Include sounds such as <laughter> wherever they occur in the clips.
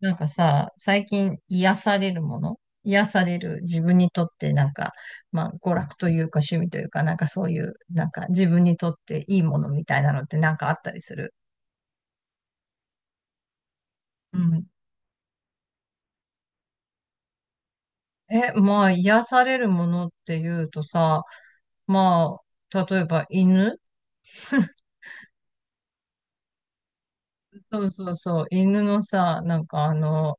なんかさ、最近癒されるもの癒される自分にとってなんか、まあ娯楽というか趣味というか、なんかそういう、なんか自分にとっていいものみたいなのってなんかあったりする？うん。まあ癒されるものっていうとさ、まあ、例えば犬。 <laughs> そうそうそう、犬のさ、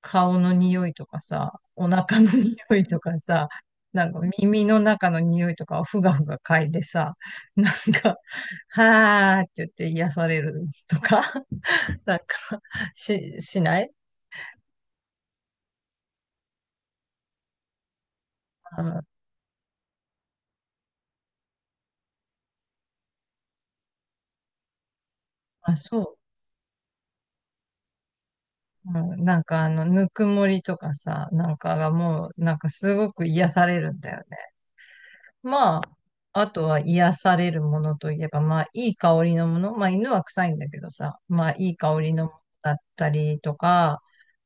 顔の匂いとかさ、お腹の <laughs> 匂いとかさ、なんか耳の中の匂いとかをふがふが嗅いでさ、なんか、はーって言って癒されるとか、<laughs> なんか、しない？あ、あ、そう。うん、ぬくもりとかさ、なんかがもう、なんかすごく癒されるんだよね。まあ、あとは癒されるものといえば、まあ、いい香りのもの。まあ、犬は臭いんだけどさ、まあ、いい香りのものだったりとか、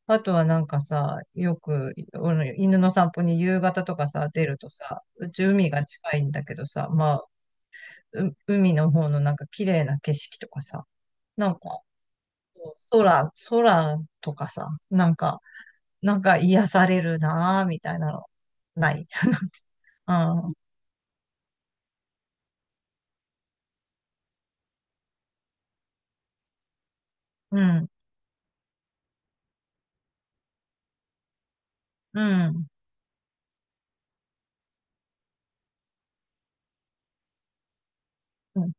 あとはなんかさ、よく、俺の犬の散歩に夕方とかさ、出るとさ、うち海が近いんだけどさ、まあ、う海の方のなんか綺麗な景色とかさ、なんか、空とかさ、なんか、なんか癒されるなぁ、みたいなの、ない？<laughs> うん、うん、うん、うん。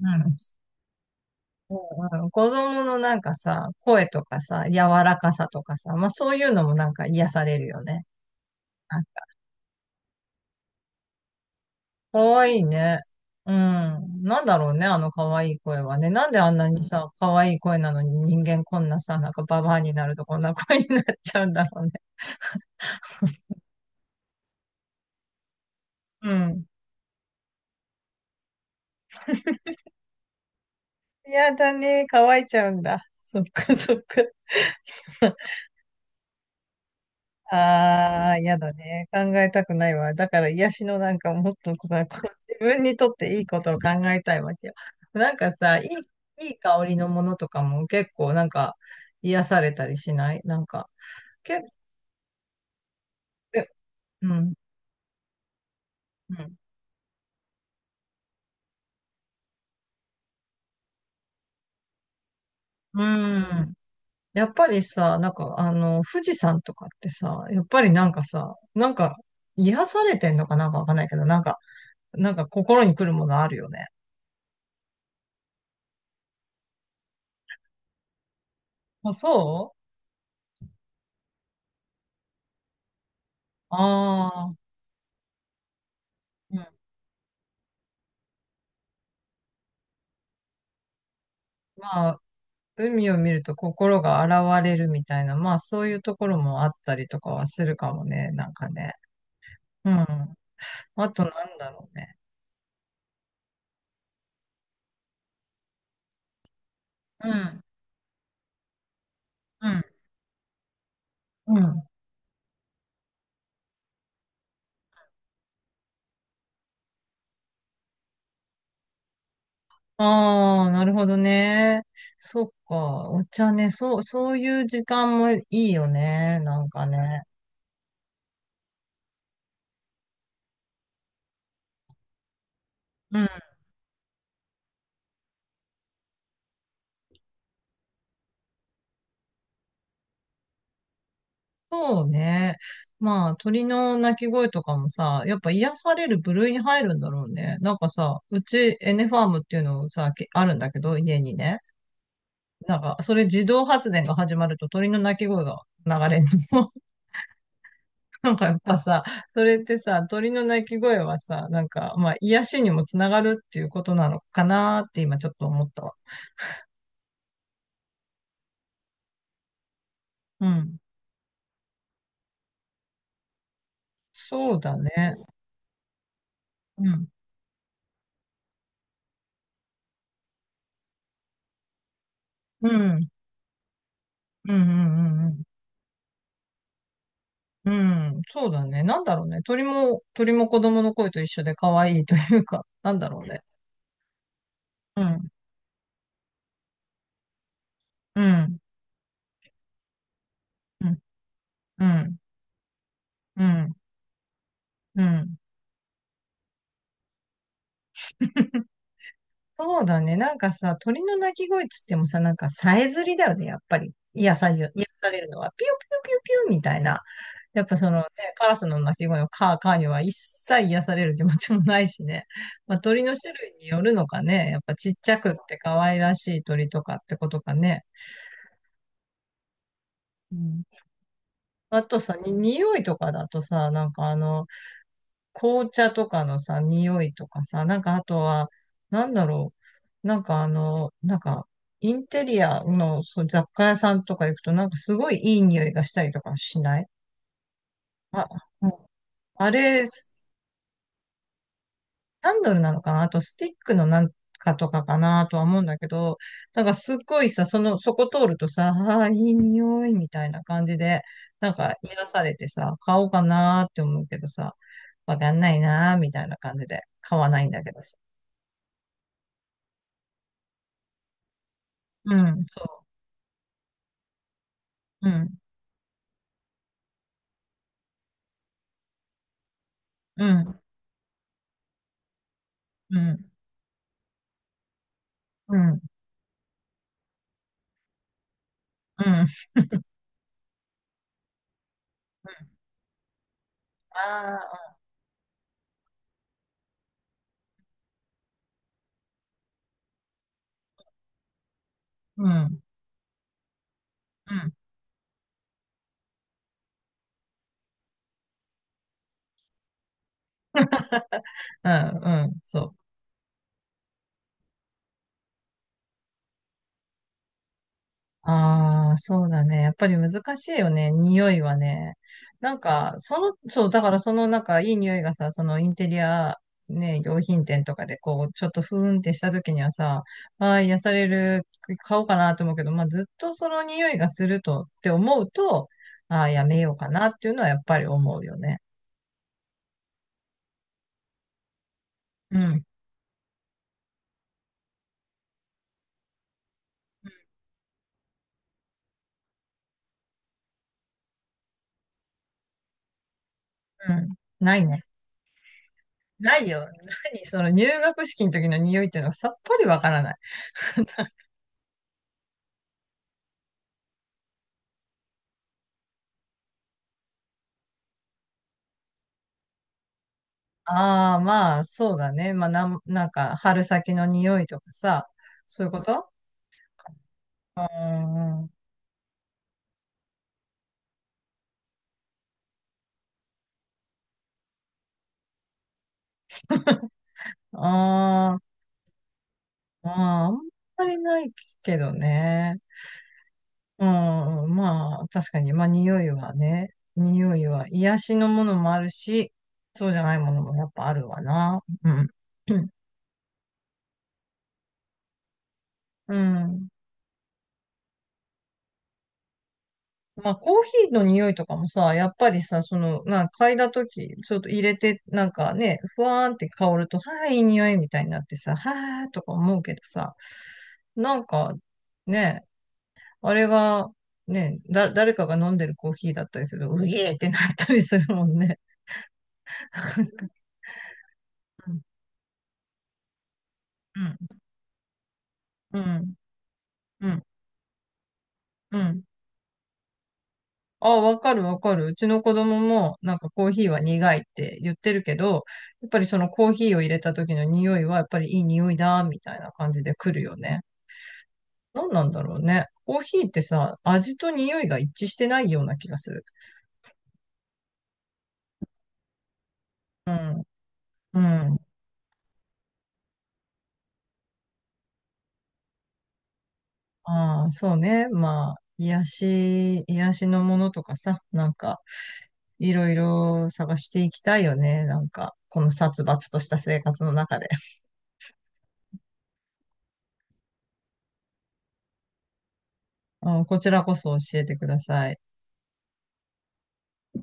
うんうんうん、子供のなんかさ、声とかさ、柔らかさとかさ、まあそういうのもなんか癒されるよね。あ、かわいいね。うん。なんだろうね、あのかわいい声はね。なんであんなにさ、かわいい声なのに人間こんなさ、なんかババアになるとこんな声になっちゃうんだろうね。うん。やだね、乾いちゃうんだ。そっかそっか。ああ、やだね。考えたくないわ。だから癒しのなんかもっとさ、こう自分にとっていいことを考えたいわけよ。なんかさ、い、いい香りのものとかも結構なんか癒されたりしない？なんか、結構、うん、うん。うん。やっぱりさ、富士山とかってさ、やっぱりなんかさ、なんか癒されてんのかなんかわかんないけど、なんか、なんか心に来るものあるよね。あ、そう。ああー。うん、まあ、海を見ると心が洗われるみたいな、まあそういうところもあったりとかはするかもね、なんかね。うん。あとなんだろうね。うん。うん。うん。ああ、なるほどね。そっか。お茶ね。そう、そういう時間もいいよね。なんかね。うん。そうね。まあ、鳥の鳴き声とかもさ、やっぱ癒される部類に入るんだろうね。なんかさ、うちエネファームっていうのをさ、けあるんだけど、家にね。なんか、それ自動発電が始まると鳥の鳴き声が流れるの。<laughs> なんかやっぱさ、<laughs> それってさ、鳥の鳴き声はさ、なんか、まあ、癒しにもつながるっていうことなのかなーって今ちょっと思ったわ。うん。そうだね。うん。うん。うんうんうんうん。うん。そうだね。なんだろうね。鳥も子供の声と一緒で可愛いというか、なんだろうね。うん。うん。うん。うん。うん。うん。そうだね。なんかさ、鳥の鳴き声っつってもさ、なんかさえずりだよね、やっぱり。癒されるのは。ピュピュピュピュみたいな。やっぱそのね、カラスの鳴き声のカーカーには一切癒される気持ちもないしね。まあ、鳥の種類によるのかね。やっぱちっちゃくって可愛らしい鳥とかってことかね。うん。あとさ、匂いとかだとさ、紅茶とかのさ、匂いとかさ、なんかあとは、なんだろう、なんかあの、なんか、インテリアのそう雑貨屋さんとか行くと、なんかすごいいい匂いがしたりとかしない？あ、うん。あれ、キャンドルなのかなあと、スティックのなんかとかかなとは思うんだけど、なんかすっごいさ、その、そこ通るとさ、ああ、いい匂いみたいな感じで、なんか癒されてさ、買おうかなって思うけどさ、わかんないなみたいな感じで買わないんだけど。うん、そう。うん、うん、うん、うん、うん。うん、ああ、うん、うん、うん、うん、そう。ああ、そうだね。やっぱり難しいよね。匂いはね。なんか、その、そう、だからその、なんか、いい匂いがさ、そのインテリア、ね、用品店とかで、こう、ちょっとふーんってした時にはさ、ああ、癒される、買おうかなと思うけど、まあ、ずっとその匂いがするとって思うと、ああ、やめようかなっていうのはやっぱり思うよね。うん。うん。ないね。ないよ。何その入学式の時の匂いっていうのがさっぱりわからない。<laughs> ああ、まあ、そうだね。まあ、なんか、春先の匂いとかさ、そういうこと？うん。あー、まあんまりないけどね。うん、まあ、確かに、まあ、匂いはね、匂いは癒しのものもあるし、そうじゃないものもやっぱあるわな。うん。<clears throat> うん。まあ、コーヒーの匂いとかもさ、やっぱりさ、その、なんか嗅いだとき、ちょっと入れて、なんかね、ふわーんって香ると、はい、いい匂いみたいになってさ、はーとか思うけどさ、なんか、ね、あれが、ね、誰かが飲んでるコーヒーだったりすると、うげーってなったりするもんね。うん、うん、うん、うん。ああ、わかるわかる。うちの子供もなんかコーヒーは苦いって言ってるけど、やっぱりそのコーヒーを入れた時の匂いはやっぱりいい匂いだ、みたいな感じで来るよね。何なんだろうね。コーヒーってさ、味と匂いが一致してないような気がする。うん。うん。ああ、そうね。まあ、癒しのものとかさ、なんか、いろいろ探していきたいよね。なんか、この殺伐とした生活の中で。<laughs> あーこちらこそ教えてください。